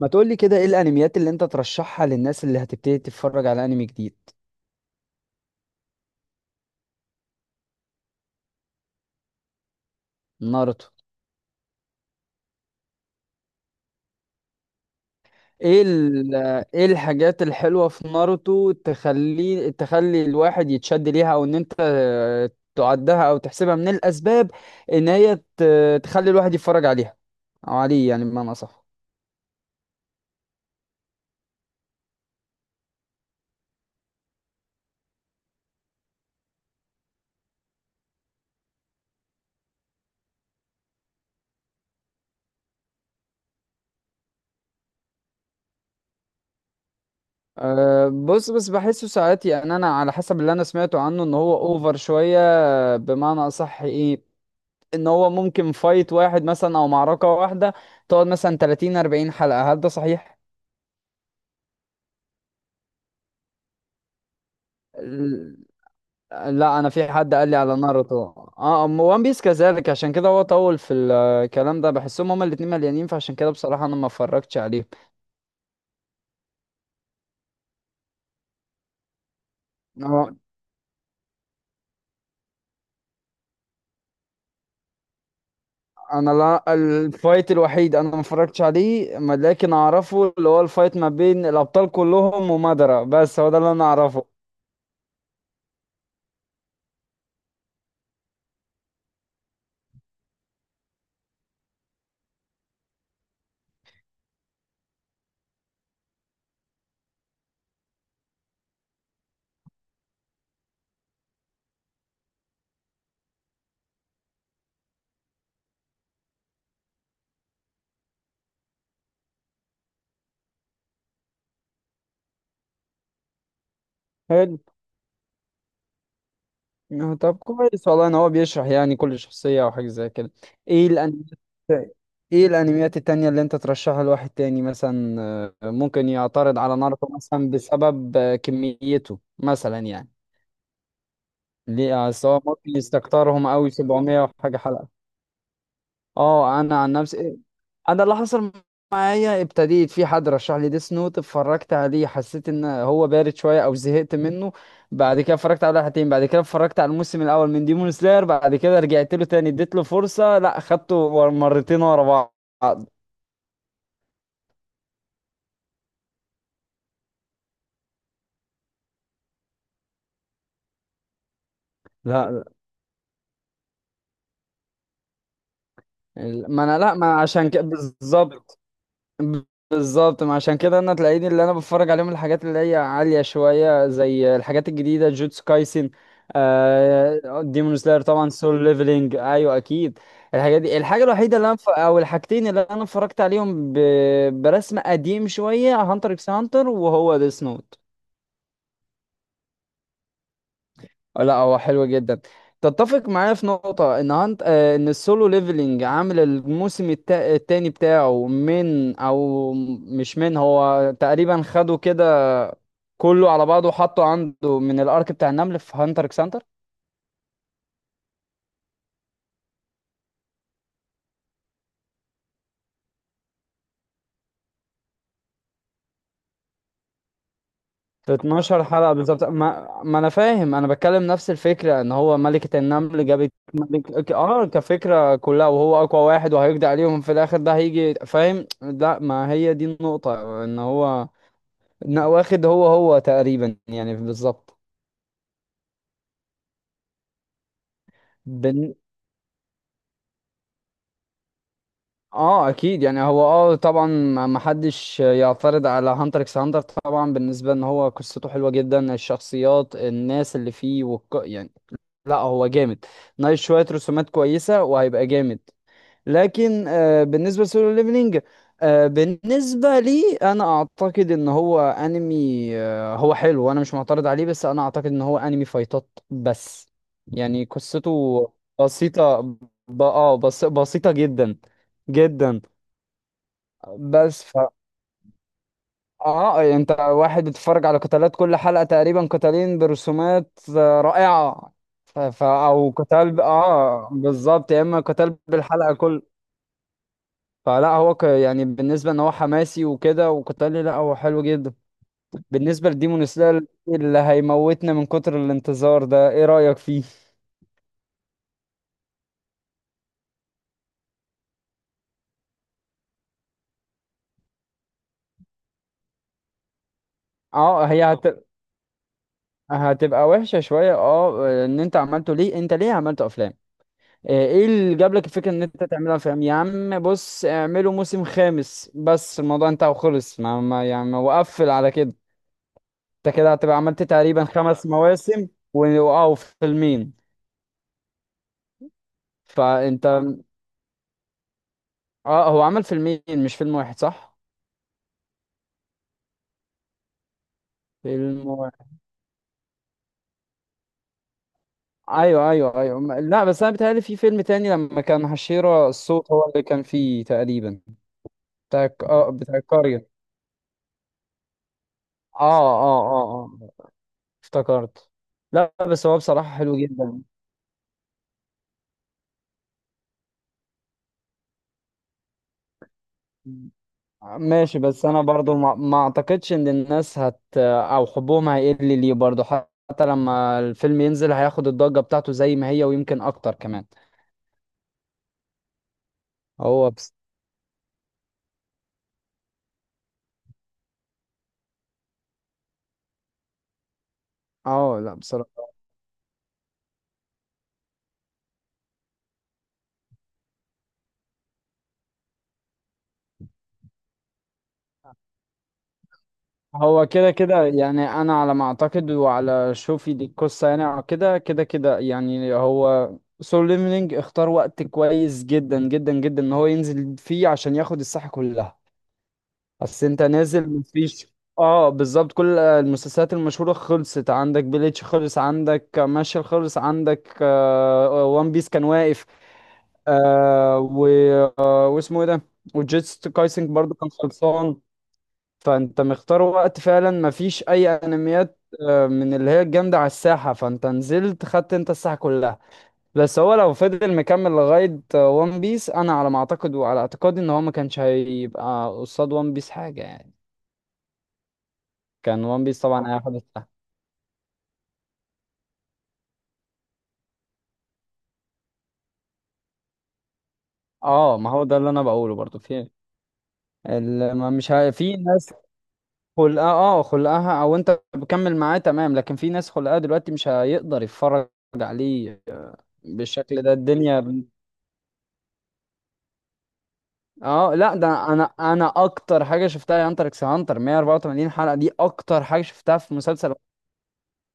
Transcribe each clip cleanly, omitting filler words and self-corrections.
ما تقولي كده، ايه الانميات اللي انت ترشحها للناس اللي هتبتدي تتفرج على انمي جديد؟ ناروتو. ايه ايه الحاجات الحلوة في ناروتو تخلي الواحد يتشد ليها، او ان انت تعدها او تحسبها من الاسباب ان هي تخلي الواحد يتفرج عليها، او عليه يعني بمعنى اصح. أه بص، بس بحسه ساعات، يعني انا على حسب اللي انا سمعته عنه ان هو اوفر شوية، بمعنى اصح ايه، ان هو ممكن فايت واحد مثلا او معركة واحدة تقعد مثلا 30 40 حلقة. هل ده صحيح؟ ال- لا انا في حد قال لي على ناروتو. اه وان بيس كذلك، عشان كده هو طول في الكلام ده، بحسهم هما الاتنين مليانين، فعشان كده بصراحة انا ما اتفرجتش عليهم. آه، انا لا، الفايت الوحيد انا ما اتفرجتش عليه لكن اعرفه، اللي هو الفايت ما بين الابطال كلهم ومادارا، بس هو ده اللي انا اعرفه. آه، طب كويس والله ان هو بيشرح يعني كل شخصية او حاجة زي كده. ايه الانميات ايه الانميات التانية اللي انت ترشحها لواحد تاني؟ مثلا ممكن يعترض على ناروتو مثلا بسبب كميته مثلا يعني. ليه سواء ممكن يستكترهم اوي 700 وحاجة حلقة. اه انا عن نفسي، انا اللي حصل معايا ابتديت في حد رشح لي ديس نوت، اتفرجت عليه حسيت ان هو بارد شويه او زهقت منه، بعد كده اتفرجت على حلقتين، بعد كده اتفرجت على الموسم الاول من ديمون سلاير، بعد كده رجعت له تاني اديت له فرصه، لا خدته مرتين ورا بعض. لا لا. ما انا لا ما عشان كده بالظبط، بالظبط ما عشان كده تلاقيني اللي انا بتفرج عليهم الحاجات اللي هي عالية شوية، زي الحاجات الجديدة، جوتسو كايسن، آه ديمون سلاير طبعا، سول ليفلينج ايوه اكيد. الحاجات دي الحاجة الوحيدة اللي او الحاجتين اللي انا اتفرجت عليهم برسم قديم شوية، هانتر اكس هانتر وهو ديس نوت. لا هو حلو جدا. تتفق معايا في نقطة ان هانت آه، ان السولو ليفلينج عامل الموسم التاني بتاعه من او مش من هو تقريبا، خده كده كله على بعضه وحطه عنده من الارك بتاع النمل في هانتر اكس هانتر في 12 حلقة بالظبط. ما انا فاهم، انا بتكلم نفس الفكرة، ان هو ملكة النمل جابت اه كفكرة كلها وهو اقوى واحد وهيقضي عليهم في الاخر، ده هيجي فاهم؟ لا ما هي دي النقطة، ان هو لا، واخد هو هو تقريبا يعني بالظبط. بن... اه اكيد يعني، هو اه طبعا ما حدش يعترض على هانتر اكس هانتر طبعا، بالنسبه ان هو قصته حلوه جدا، الشخصيات، الناس اللي فيه، يعني لا هو جامد، ناقش شويه، رسومات كويسه وهيبقى جامد. لكن آه، بالنسبة لسولو ليفلينج، آه، بالنسبة لي أنا أعتقد إن هو أنمي آه، هو حلو وأنا مش معترض عليه، بس أنا أعتقد إن هو أنمي فايتات بس، يعني قصته بسيطة بسيطة جدا جدا. بس ف آه أنت واحد بتتفرج على قتالات، كل حلقة تقريبا قتالين برسومات آه، رائعة. أو قتال ب... آه بالظبط، يا إما قتال بالحلقة كل. فلا هو يعني بالنسبة ان هو حماسي وكده وقتالي، لا هو حلو جدا. بالنسبة لديمون سلاير اللي هيموتنا من كتر الانتظار ده، ايه رأيك فيه؟ اه هتبقى وحشة شوية. اه ان انت عملته ليه؟ انت ليه عملت افلام؟ آه، ايه اللي جاب لك الفكرة ان انت تعملها افلام؟ يا عم بص، اعمله موسم خامس بس، الموضوع انتهى وخلص، ما يعني وقفل على كده. انت كده هتبقى عملت تقريبا خمس مواسم اه وفيلمين. فانت اه هو عمل فيلمين مش فيلم واحد، صح؟ فيلم واحد، ايوه ايوه ايوه لا بس انا بيتهيألي في فيلم تاني لما كان حشيرة الصوت، هو اللي كان فيه تقريبا. بتاع اه بتاع القرية. اه اه اه اه، افتكرت. لا بس هو بصراحة حلو جدا. ماشي بس انا برضو ما اعتقدش ان الناس هت او حبهم هيقل ليه برضو، حتى لما الفيلم ينزل هياخد الضجة بتاعته زي ما هي ويمكن اكتر كمان. هو بس، اه لا بصراحة هو كده كده يعني، انا على ما اعتقد وعلى شوفي دي القصه يعني، أو كده كده كده يعني، هو سول ليفلينج اختار وقت كويس جدا جدا جدا ان هو ينزل فيه، عشان ياخد الساحه كلها. اصل انت نازل مفيش، اه بالظبط، كل المسلسلات المشهوره خلصت، عندك بليتش خلص، عندك ماشي خلص، عندك وان بيس كان واقف، آه و آه واسمه ايه ده، وجيتس كايسنج برضو كان خلصان. فانت مختار وقت فعلا، مفيش اي انميات آه، من اللي هي الجامدة على الساحة، فانت نزلت خدت انت الساحة كلها. بس هو لو فضل مكمل لغاية وان بيس، انا على ما اعتقد وعلى اعتقادي ان هو ما كانش هيبقى قصاد وان بيس حاجة يعني. كان وان بيس طبعا هياخد الساحة. اه ما هو ده اللي انا بقوله برضو، في ال- ما مش ه... في ناس خلقها، اه خلقها او انت بكمل معاه تمام، لكن في ناس خلقها دلوقتي مش هيقدر يتفرج عليه بالشكل ده الدنيا. اه لا، ده انا اكتر حاجه شفتها هي هانتر اكس هانتر 184 حلقه، دي اكتر حاجه شفتها في مسلسل.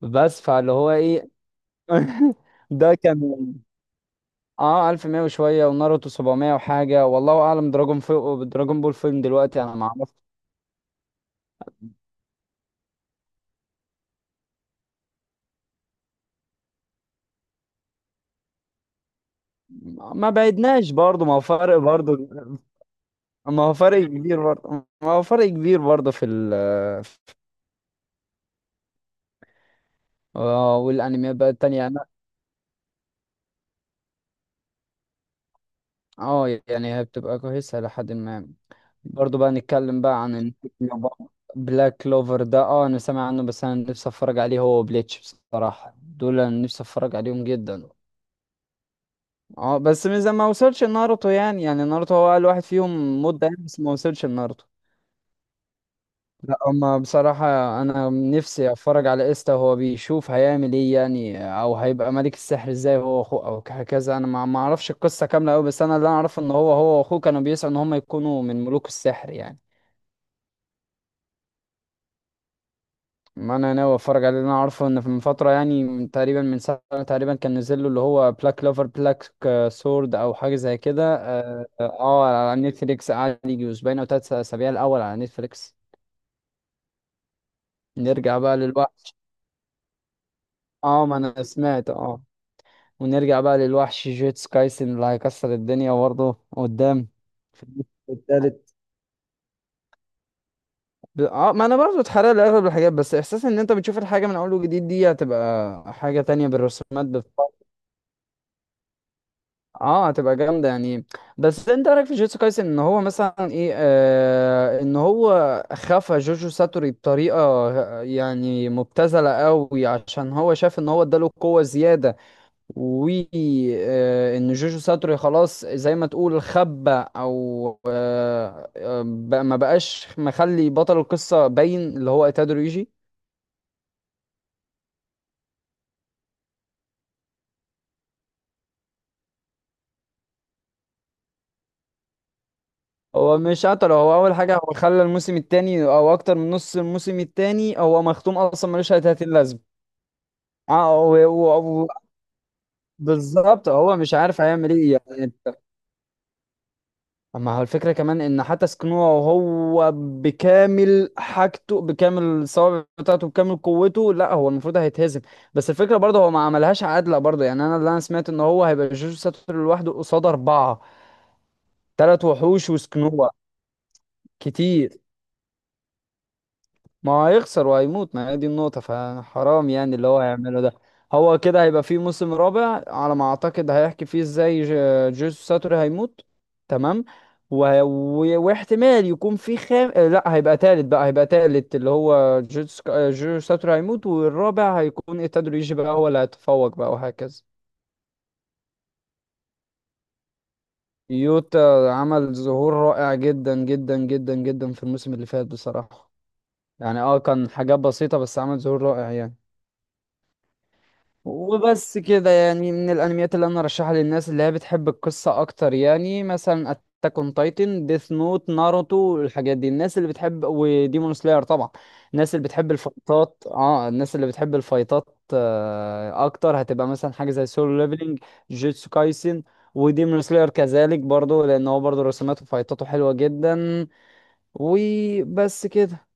بس فاللي هو ايه؟ ده كان اه 1100 وشويه، وناروتو 700 وحاجه، والله اعلم، دراجون فوق دراجون بول فيلم دلوقتي انا ما اعرف. ما بعدناش برضه، ما هو فرق برضه، ما هو فرق كبير برضه، ما هو فرق كبير برضه في ال. آه، والانميات بقى التانية انا، اه يعني هي بتبقى كويسه لحد ما، برضو بقى نتكلم بقى عن بلاك كلوفر ده اه انا سامع عنه، بس انا نفسي اتفرج عليه هو وبليتش. بصراحة دول انا نفسي اتفرج عليهم جدا. اه بس من زمان ما وصلش ناروتو يعني، يعني ناروتو هو اقل واحد فيهم مدة يعني، بس ما وصلش لناروتو. لا اما بصراحة، انا نفسي اتفرج على ايستا وهو بيشوف هيعمل ايه يعني، او هيبقى ملك السحر ازاي هو واخوه، او هكذا. انا ما اعرفش القصة كاملة قوي، بس انا اللي انا اعرفه ان هو هو واخوه كانوا بيسعوا ان هم يكونوا من ملوك السحر يعني. ما انا ناوي اتفرج عليه، لأن انا عارفه ان في من فتره يعني من تقريبا من سنه تقريبا كان نزل له اللي هو بلاك لوفر بلاك سورد او حاجه زي كده اه، آه، على نتفليكس، قعد يجي اسبوعين او ثلاث اسابيع الاول على نتفليكس. نرجع بقى للوحش. اه ما انا سمعت، اه ونرجع بقى للوحش جيتس كايسن اللي هيكسر الدنيا برضه قدام في الجزء التالت. اه ما انا برضه اتحرق لي اغلب الحاجات، بس احساس ان انت بتشوف الحاجه من اول وجديد دي هتبقى حاجه تانية بالرسومات. اه هتبقى جامده يعني. بس انت إيه رايك في جوجوتسو كايسن، ان هو مثلا ايه آه ان هو خفى جوجو ساتوري بطريقه يعني مبتذله قوي، عشان هو شاف ان هو اداله قوه زياده، و آه ان جوجو ساتوري خلاص زي ما تقول خبى او آه آه، بقى ما بقاش، مخلي بطل القصه باين اللي هو ايتادو ريجي. هو مش قتله، هو اول حاجه هو خلى الموسم التاني او اكتر من نص الموسم التاني هو مختوم اصلا، ملوش اي 30 لازمه. اه بالظبط هو مش عارف هيعمل ايه يعني انت. اما هو الفكره كمان ان حتى سكنوه، وهو بكامل حاجته بكامل الصوابع بتاعته بكامل قوته، لا هو المفروض هيتهزم. بس الفكره برضه هو ما عملهاش عادله برضه، يعني انا اللي انا سمعت ان هو هيبقى جوجو ساتورو لوحده قصاد اربعه، ثلاث وحوش وسكنوه كتير. ما هو هيخسر وهيموت، ما هي دي النقطة، فحرام يعني اللي هو هيعمله ده. هو كده هيبقى فيه موسم رابع على ما أعتقد هيحكي فيه ازاي جيسوس ساتوري هيموت. تمام. واحتمال يكون في خام آه، لا هيبقى تالت بقى، هيبقى تالت اللي هو جيسوس آه، جيسوس ساتوري هيموت، والرابع هيكون إيتادوري يجي بقى هو اللي هيتفوق بقى وهكذا. يوتا عمل ظهور رائع جدا جدا جدا جدا في الموسم اللي فات بصراحة، يعني اه كان حاجات بسيطة بس عمل ظهور رائع يعني. وبس كده يعني، من الانميات اللي انا ارشحها للناس اللي هي بتحب القصة اكتر، يعني مثلا اتاك اون تايتن، ديث نوت، ناروتو، الحاجات دي الناس اللي بتحب، وديمون سلاير طبعا. الناس اللي بتحب الفايتات اه الناس اللي بتحب الفايتات آه اكتر هتبقى مثلا حاجة زي سولو ليفلينج، جيتسو كايسن، وديمون سلاير كذلك برضو لان هو برضو رسوماته وفايتاته حلوة جدا. وبس كده.